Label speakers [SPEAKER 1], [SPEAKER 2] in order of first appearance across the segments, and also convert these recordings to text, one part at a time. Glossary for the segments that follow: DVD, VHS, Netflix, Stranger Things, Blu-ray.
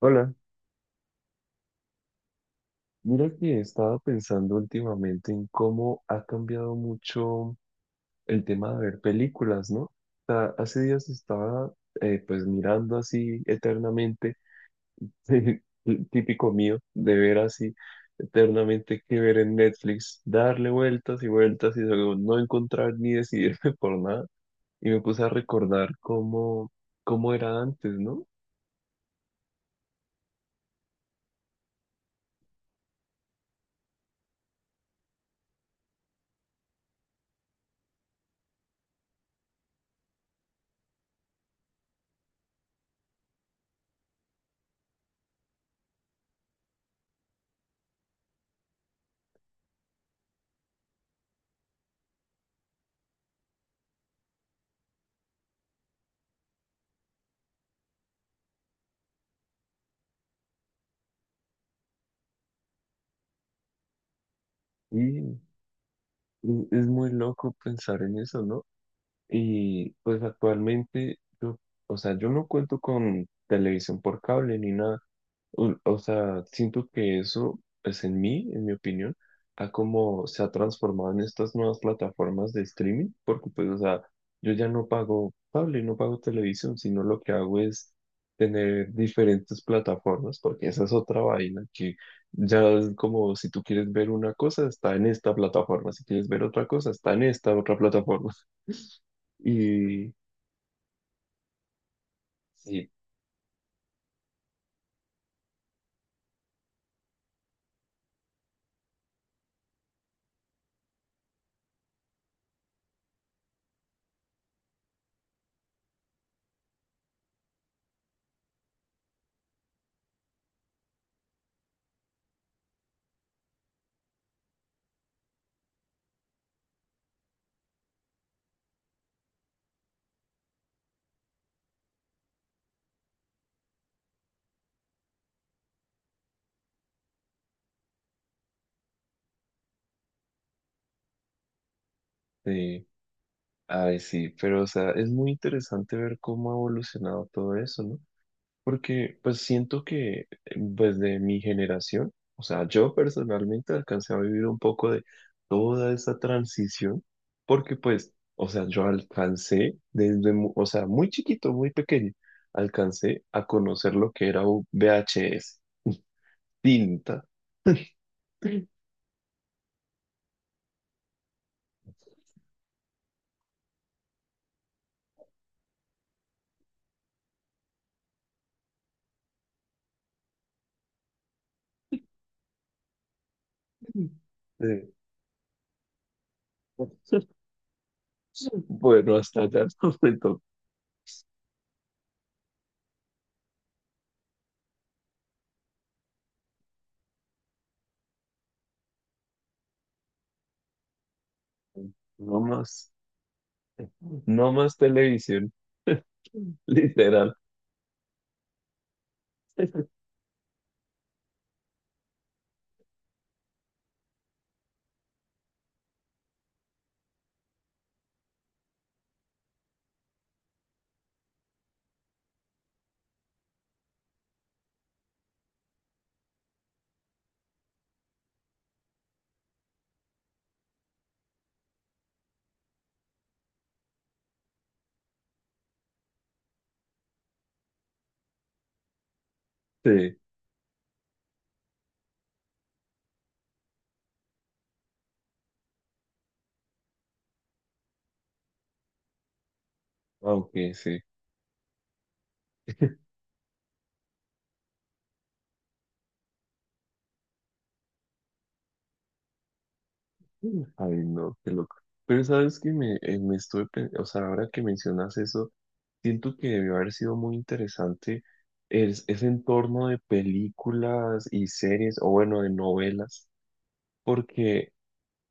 [SPEAKER 1] Hola, mira que he estado pensando últimamente en cómo ha cambiado mucho el tema de ver películas, ¿no? O sea, hace días estaba pues mirando así eternamente, el típico mío, de ver así eternamente qué ver en Netflix, darle vueltas y vueltas y luego no encontrar ni decidirme por nada. Y me puse a recordar cómo era antes, ¿no? Y es muy loco pensar en eso, ¿no? Y pues actualmente, o sea, yo no cuento con televisión por cable ni nada. O sea, siento que eso es en mí, en mi opinión, a cómo se ha transformado en estas nuevas plataformas de streaming, porque pues, o sea, yo ya no pago cable, no pago televisión, sino lo que hago es tener diferentes plataformas, porque esa es otra vaina que ya es como si tú quieres ver una cosa, está en esta plataforma, si quieres ver otra cosa, está en esta otra plataforma. Y sí, sí, ay, sí, pero o sea, es muy interesante ver cómo ha evolucionado todo eso, ¿no? Porque pues siento que desde mi generación, o sea, yo personalmente alcancé a vivir un poco de toda esa transición, porque pues, o sea, yo alcancé desde, o sea, muy chiquito, muy pequeño, alcancé a conocer lo que era un VHS, tinta. Eh, bueno, hasta allá no me tocó, no más. No más televisión, literal. Sí, aunque sí. Ay, no, qué loco. Pero sabes que o sea, ahora que mencionas eso, siento que debió haber sido muy ese entorno de películas y series, o bueno, de novelas, porque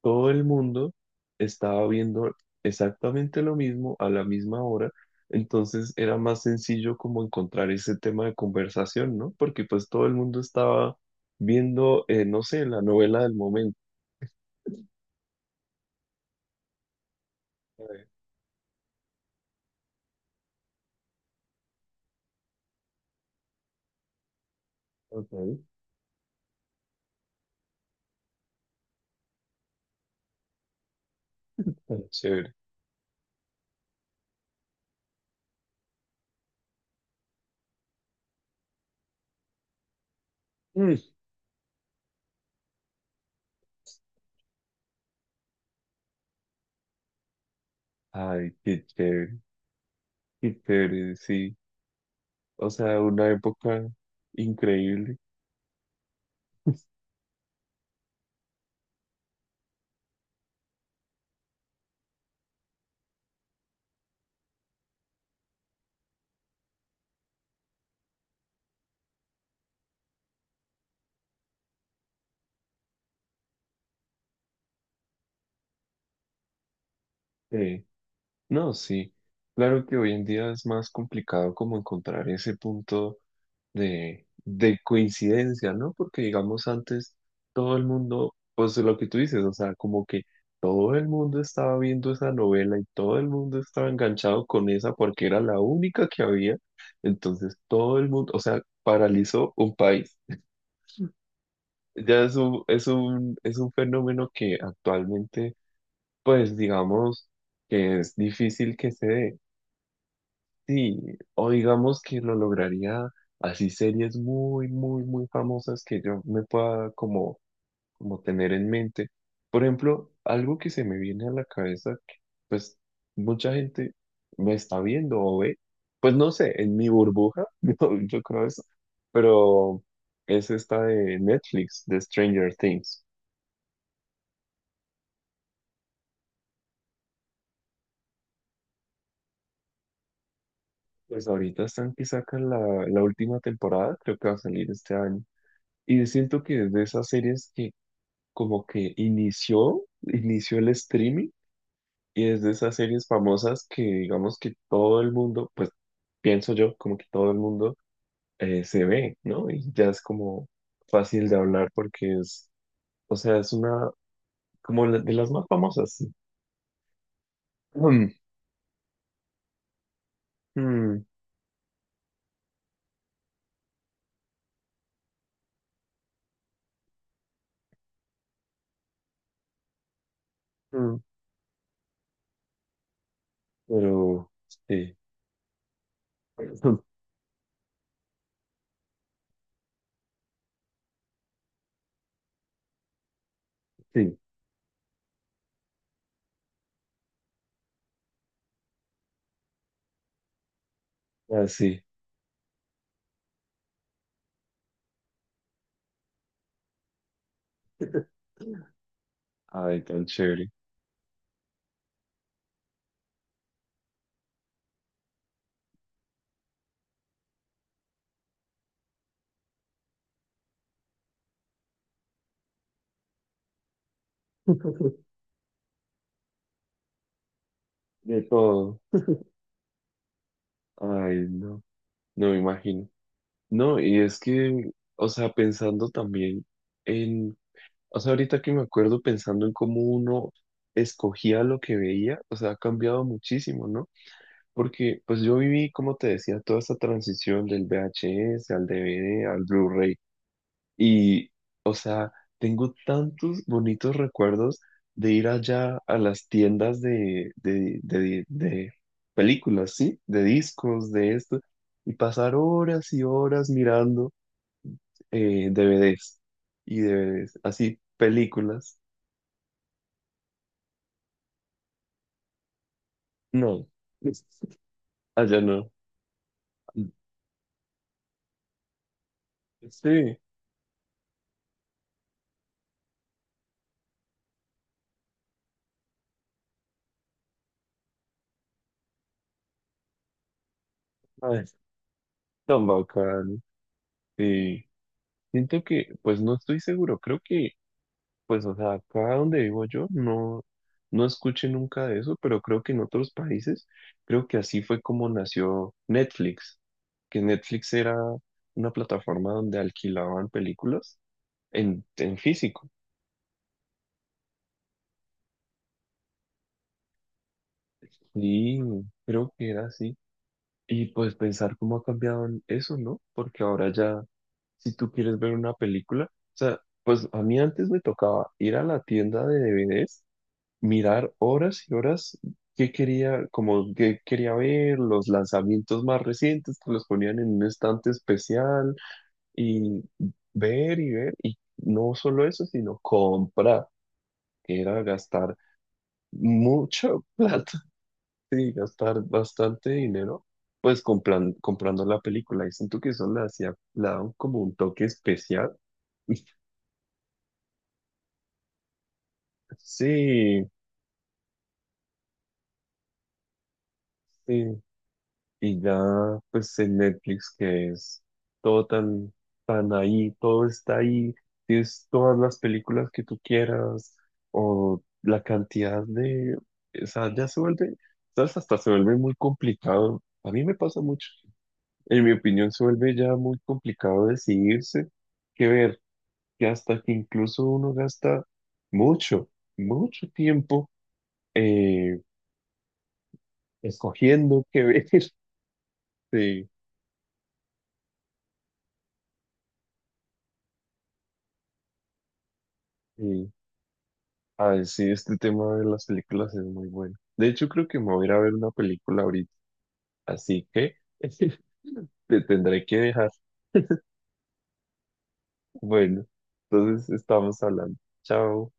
[SPEAKER 1] todo el mundo estaba viendo exactamente lo mismo a la misma hora, entonces era más sencillo como encontrar ese tema de conversación, ¿no? Porque pues todo el mundo estaba viendo, no sé, la novela del momento. Ay, ok, tan chévere. Mm. Ay, qué chévere, sí. O sea, una época increíble. Sí. No, sí. Claro que hoy en día es más complicado como encontrar ese punto de coincidencia, ¿no? Porque digamos antes todo el mundo, pues lo que tú dices, o sea, como que todo el mundo estaba viendo esa novela y todo el mundo estaba enganchado con esa porque era la única que había, entonces todo el mundo, o sea, paralizó un país. Ya es un fenómeno que actualmente, pues digamos que es difícil que se dé. Sí, o digamos que lo lograría así series muy, muy, muy famosas que yo me pueda como tener en mente. Por ejemplo, algo que se me viene a la cabeza, que, pues mucha gente me está viendo o ve, pues no sé, en mi burbuja, yo creo eso, pero es esta de Netflix, de Stranger Things. Pues ahorita están que sacan la última temporada, creo que va a salir este año. Y siento que es de esas series como que inició el streaming y es de esas series famosas que digamos que todo el mundo, pues pienso yo, como que todo el mundo se ve, ¿no? Y ya es como fácil de hablar porque es, o sea, es una, como la- de las más famosas, sí. Mm, mm, mm, pero, sí, sí, así, ay, tan chévere, de todo, ay, no, no me imagino. No, y es que, o sea, pensando también en, o sea, ahorita que me acuerdo pensando en cómo uno escogía lo que veía, o sea, ha cambiado muchísimo, ¿no? Porque pues yo viví, como te decía, toda esta transición del VHS al DVD, al Blu-ray, y, o sea, tengo tantos bonitos recuerdos de ir allá a las tiendas de películas, ¿sí? De discos, de esto, y pasar horas y horas mirando DVDs y DVDs, así películas. No, allá no. Sí, ay, tan bacán. Sí, siento que, pues no estoy seguro, creo que, pues, o sea, acá donde vivo no, no escuché nunca de eso, pero creo que en otros países, creo que así fue como nació Netflix, que Netflix era una plataforma donde alquilaban películas en físico. Y creo que era así. Y pues pensar cómo ha cambiado en eso, ¿no? Porque ahora ya, si tú quieres ver una película, o sea, pues a mí antes me tocaba ir a la tienda de DVDs, mirar horas y horas qué quería, como qué quería ver, los lanzamientos más recientes que los ponían en un estante especial y ver y ver, y no solo eso, sino comprar, que era gastar mucho plata. Sí, gastar bastante dinero, pues comprando la película. Y siento que eso le hacía, le daba como un toque especial. Sí, sí. Y ya, pues en Netflix, que es todo tan, tan ahí, todo está ahí. Tienes todas las películas que tú quieras, o la cantidad de. O sea, ya se vuelve, ¿sabes? Hasta se vuelve muy complicado. A mí me pasa mucho. En mi opinión, se vuelve ya muy complicado decidirse qué ver que hasta que incluso uno gasta mucho, mucho tiempo eh, escogiendo qué ver. Sí, sí. Ay, sí, este tema de las películas es muy bueno. De hecho, creo que me voy a ir a ver una película ahorita, así que te tendré que dejar. Bueno, entonces estamos hablando. Chao.